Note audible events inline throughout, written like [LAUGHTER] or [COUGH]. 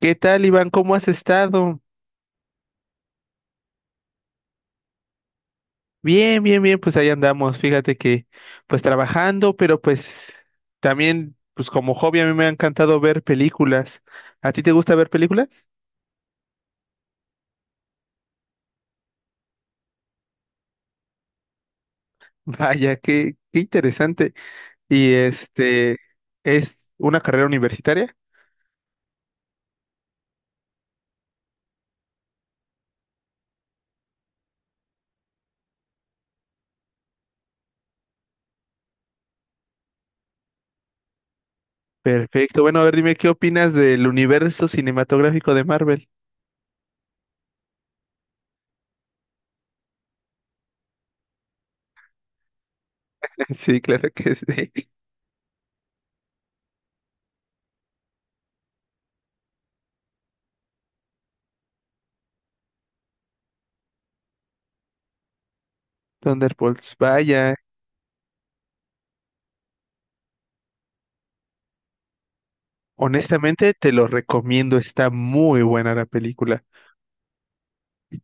¿Qué tal, Iván? ¿Cómo has estado? Bien, pues ahí andamos. Fíjate que trabajando, pero también como hobby a mí me ha encantado ver películas. ¿A ti te gusta ver películas? [LAUGHS] Vaya, qué interesante. Y ¿es una carrera universitaria? Perfecto. Bueno, a ver, dime qué opinas del universo cinematográfico de Marvel. [LAUGHS] Sí, claro que sí. Thunderbolts, vaya. Honestamente, te lo recomiendo, está muy buena la película.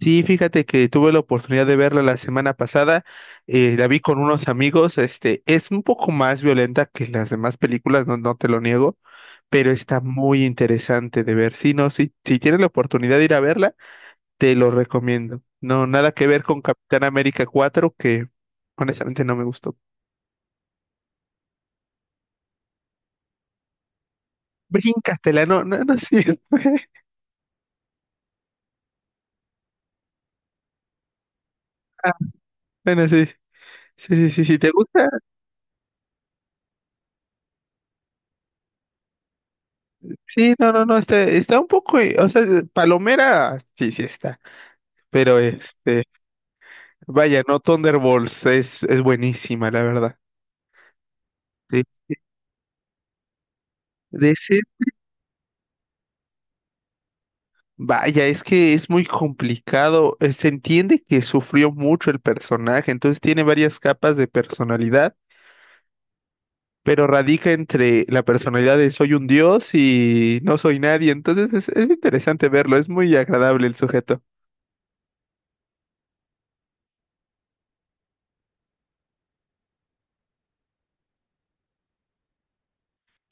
Sí, fíjate que tuve la oportunidad de verla la semana pasada, la vi con unos amigos, es un poco más violenta que las demás películas, no te lo niego, pero está muy interesante de ver. Sí, no, sí, si tienes la oportunidad de ir a verla, te lo recomiendo. No, nada que ver con Capitán América cuatro que honestamente no me gustó. Bríncatela, no, no, no, sí. [LAUGHS] Ah, bueno, sí, sí, sí, sí, sí, ¿te gusta? Sí, no, no, no, está, está un poco, o sea, Palomera, sí, sí está, pero vaya, no, Thunderbolts es buenísima, la verdad. Sí. De vaya, es que es muy complicado, se entiende que sufrió mucho el personaje, entonces tiene varias capas de personalidad, pero radica entre la personalidad de soy un dios y no soy nadie, entonces es interesante verlo, es muy agradable el sujeto.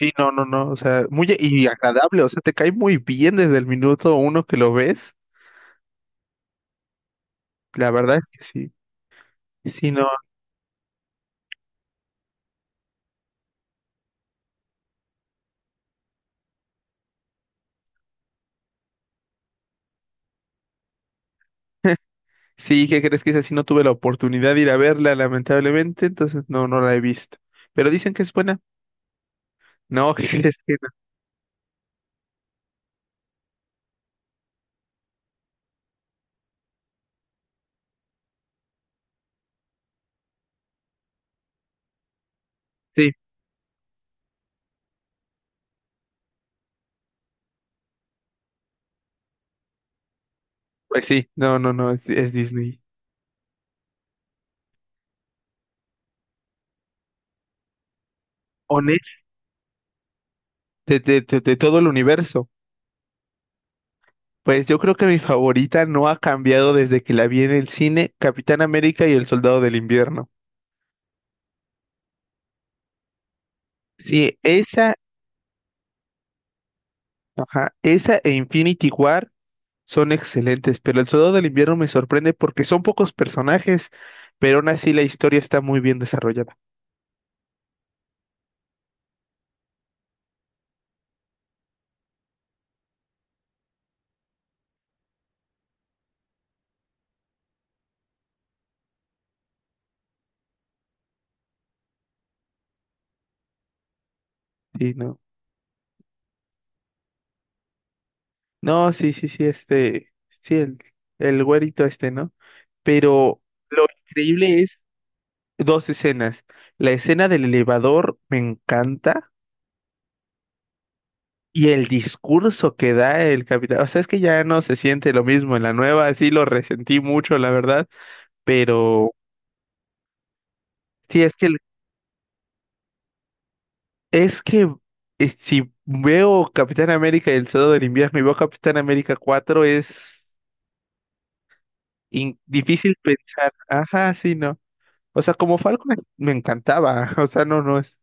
Sí, no, no, no, o sea, muy agradable, o sea, te cae muy bien desde el minuto uno que lo ves, la verdad es que sí, sí, no, sí, ¿qué crees que es así? No tuve la oportunidad de ir a verla, lamentablemente, entonces no, no la he visto, pero dicen que es buena, no, [LAUGHS] ¿qué crees que no? Sí, pues sí, no, no, no, es Disney. Honest, de todo el universo, pues yo creo que mi favorita no ha cambiado desde que la vi en el cine, Capitán América y el Soldado del Invierno. Sí, esa, ajá, esa e Infinity War. Son excelentes, pero El Soldado del Invierno me sorprende porque son pocos personajes, pero aún así la historia está muy bien desarrollada. Sí, no. No, sí, sí, sí, sí, el güerito este, ¿no? Pero lo increíble es dos escenas. La escena del elevador me encanta y el discurso que da el capitán. O sea, es que ya no se siente lo mismo en la nueva, sí lo resentí mucho, la verdad, pero sí, Es que si veo Capitán América y el Soldado del Invierno y veo Capitán América cuatro difícil pensar. Ajá, sí, no. O sea, me encantaba. [LAUGHS] O sea, no, no es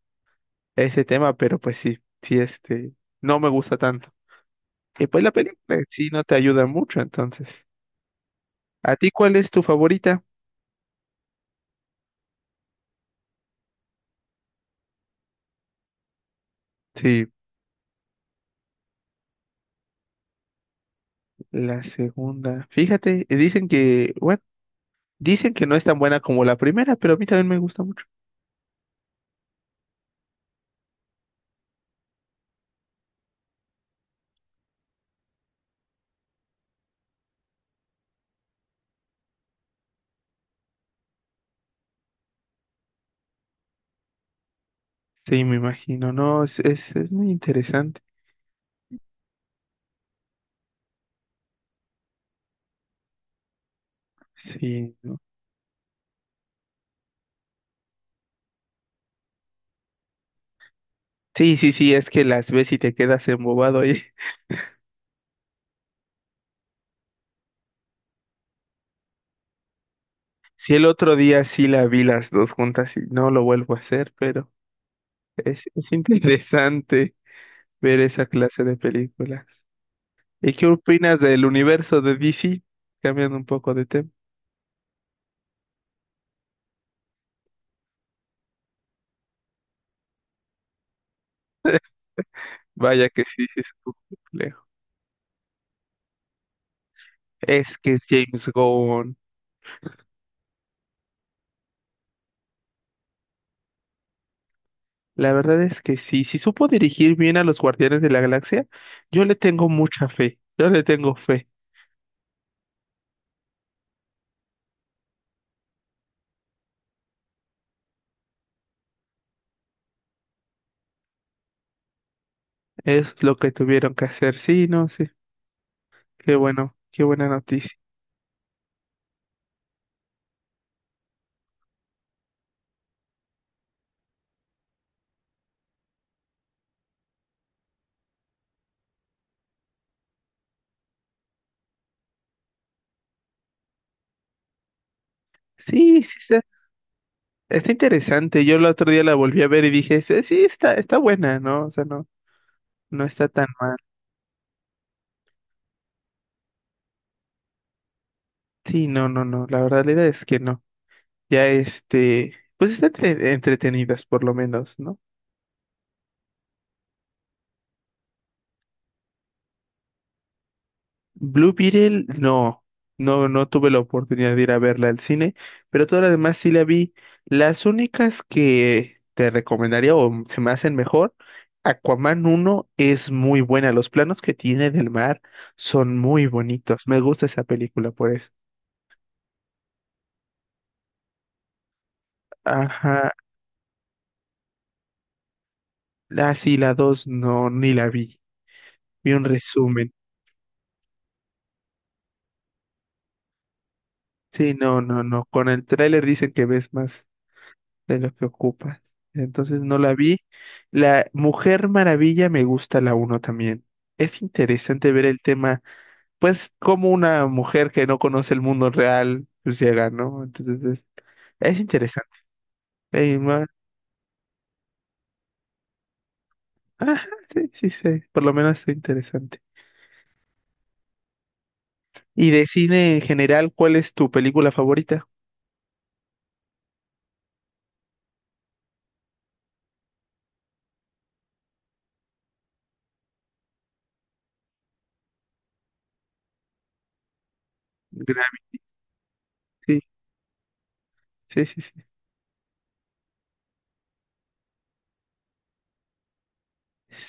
ese tema, pero pues sí, no me gusta tanto. Y pues la película en sí no te ayuda mucho, entonces. ¿A ti cuál es tu favorita? Sí, la segunda. Fíjate, dicen que, bueno, dicen que no es tan buena como la primera, pero a mí también me gusta mucho. Sí, me imagino, no, es muy interesante. Sí, ¿no? Sí, sí, sí, es que las ves y te quedas embobado ahí. [LAUGHS] Si el otro día sí la vi las dos juntas y no lo vuelvo a hacer, pero es interesante ver esa clase de películas. ¿Y qué opinas del universo de DC? Cambiando un poco de tema. Vaya que sí, sí es un poco complejo. Es que es James Gunn. La verdad es que sí, si supo dirigir bien a los Guardianes de la Galaxia, yo le tengo mucha fe. Yo le tengo fe. Es lo que tuvieron que hacer. Sí, no, sí. Qué bueno, qué buena noticia. Sí, sí, está interesante. Yo el otro día la volví a ver y dije, sí, sí, está buena, ¿no? O sea, no, no está tan mal. Sí, no, no, no. La verdad es que no. Ya pues están entretenidas por lo menos, ¿no? Blue Beetle, no, no, no tuve la oportunidad de ir a verla al cine, pero todas las demás sí la vi. Las únicas que te recomendaría o se me hacen mejor, Aquaman uno es muy buena, los planos que tiene del mar son muy bonitos, me gusta esa película por eso. Ajá, la sí, la 2 no, ni la vi, vi un resumen. Sí, no, no, no, con el tráiler dicen que ves más de lo que ocupas. Entonces no la vi. La Mujer Maravilla me gusta la uno también. Es interesante ver el tema, pues como una mujer que no conoce el mundo real, pues llega, ¿no? Entonces es interesante. Eh, ma- ajá, sí, sí, sí, por lo menos es interesante. Y de cine en general, ¿cuál es tu película favorita? Gravity. Sí, sí, sí.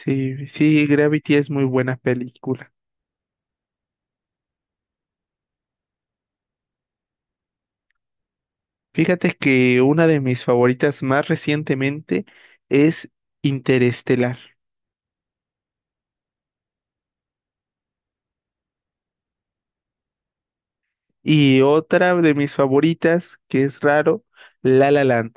Sí, sí, sí, Gravity es muy buena película. Fíjate que una de mis favoritas más recientemente es Interestelar y otra de mis favoritas, que es raro, La La Land.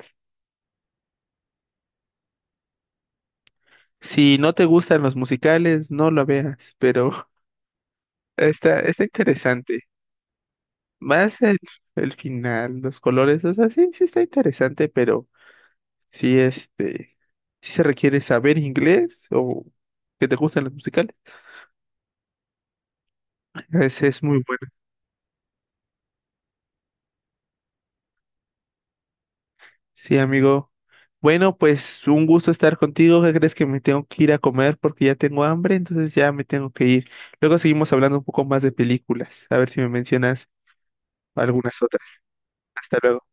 Si no te gustan los musicales, no lo veas, pero [LAUGHS] está, está interesante. Más el, el final, los colores, o sea, sí, sí está interesante, pero sí, este, sí se requiere saber inglés o que te gustan los musicales. Es muy bueno. Sí, amigo. Bueno, pues un gusto estar contigo. ¿Qué crees que me tengo que ir a comer porque ya tengo hambre? Entonces ya me tengo que ir. Luego seguimos hablando un poco más de películas. A ver si me mencionas algunas otras. Hasta luego.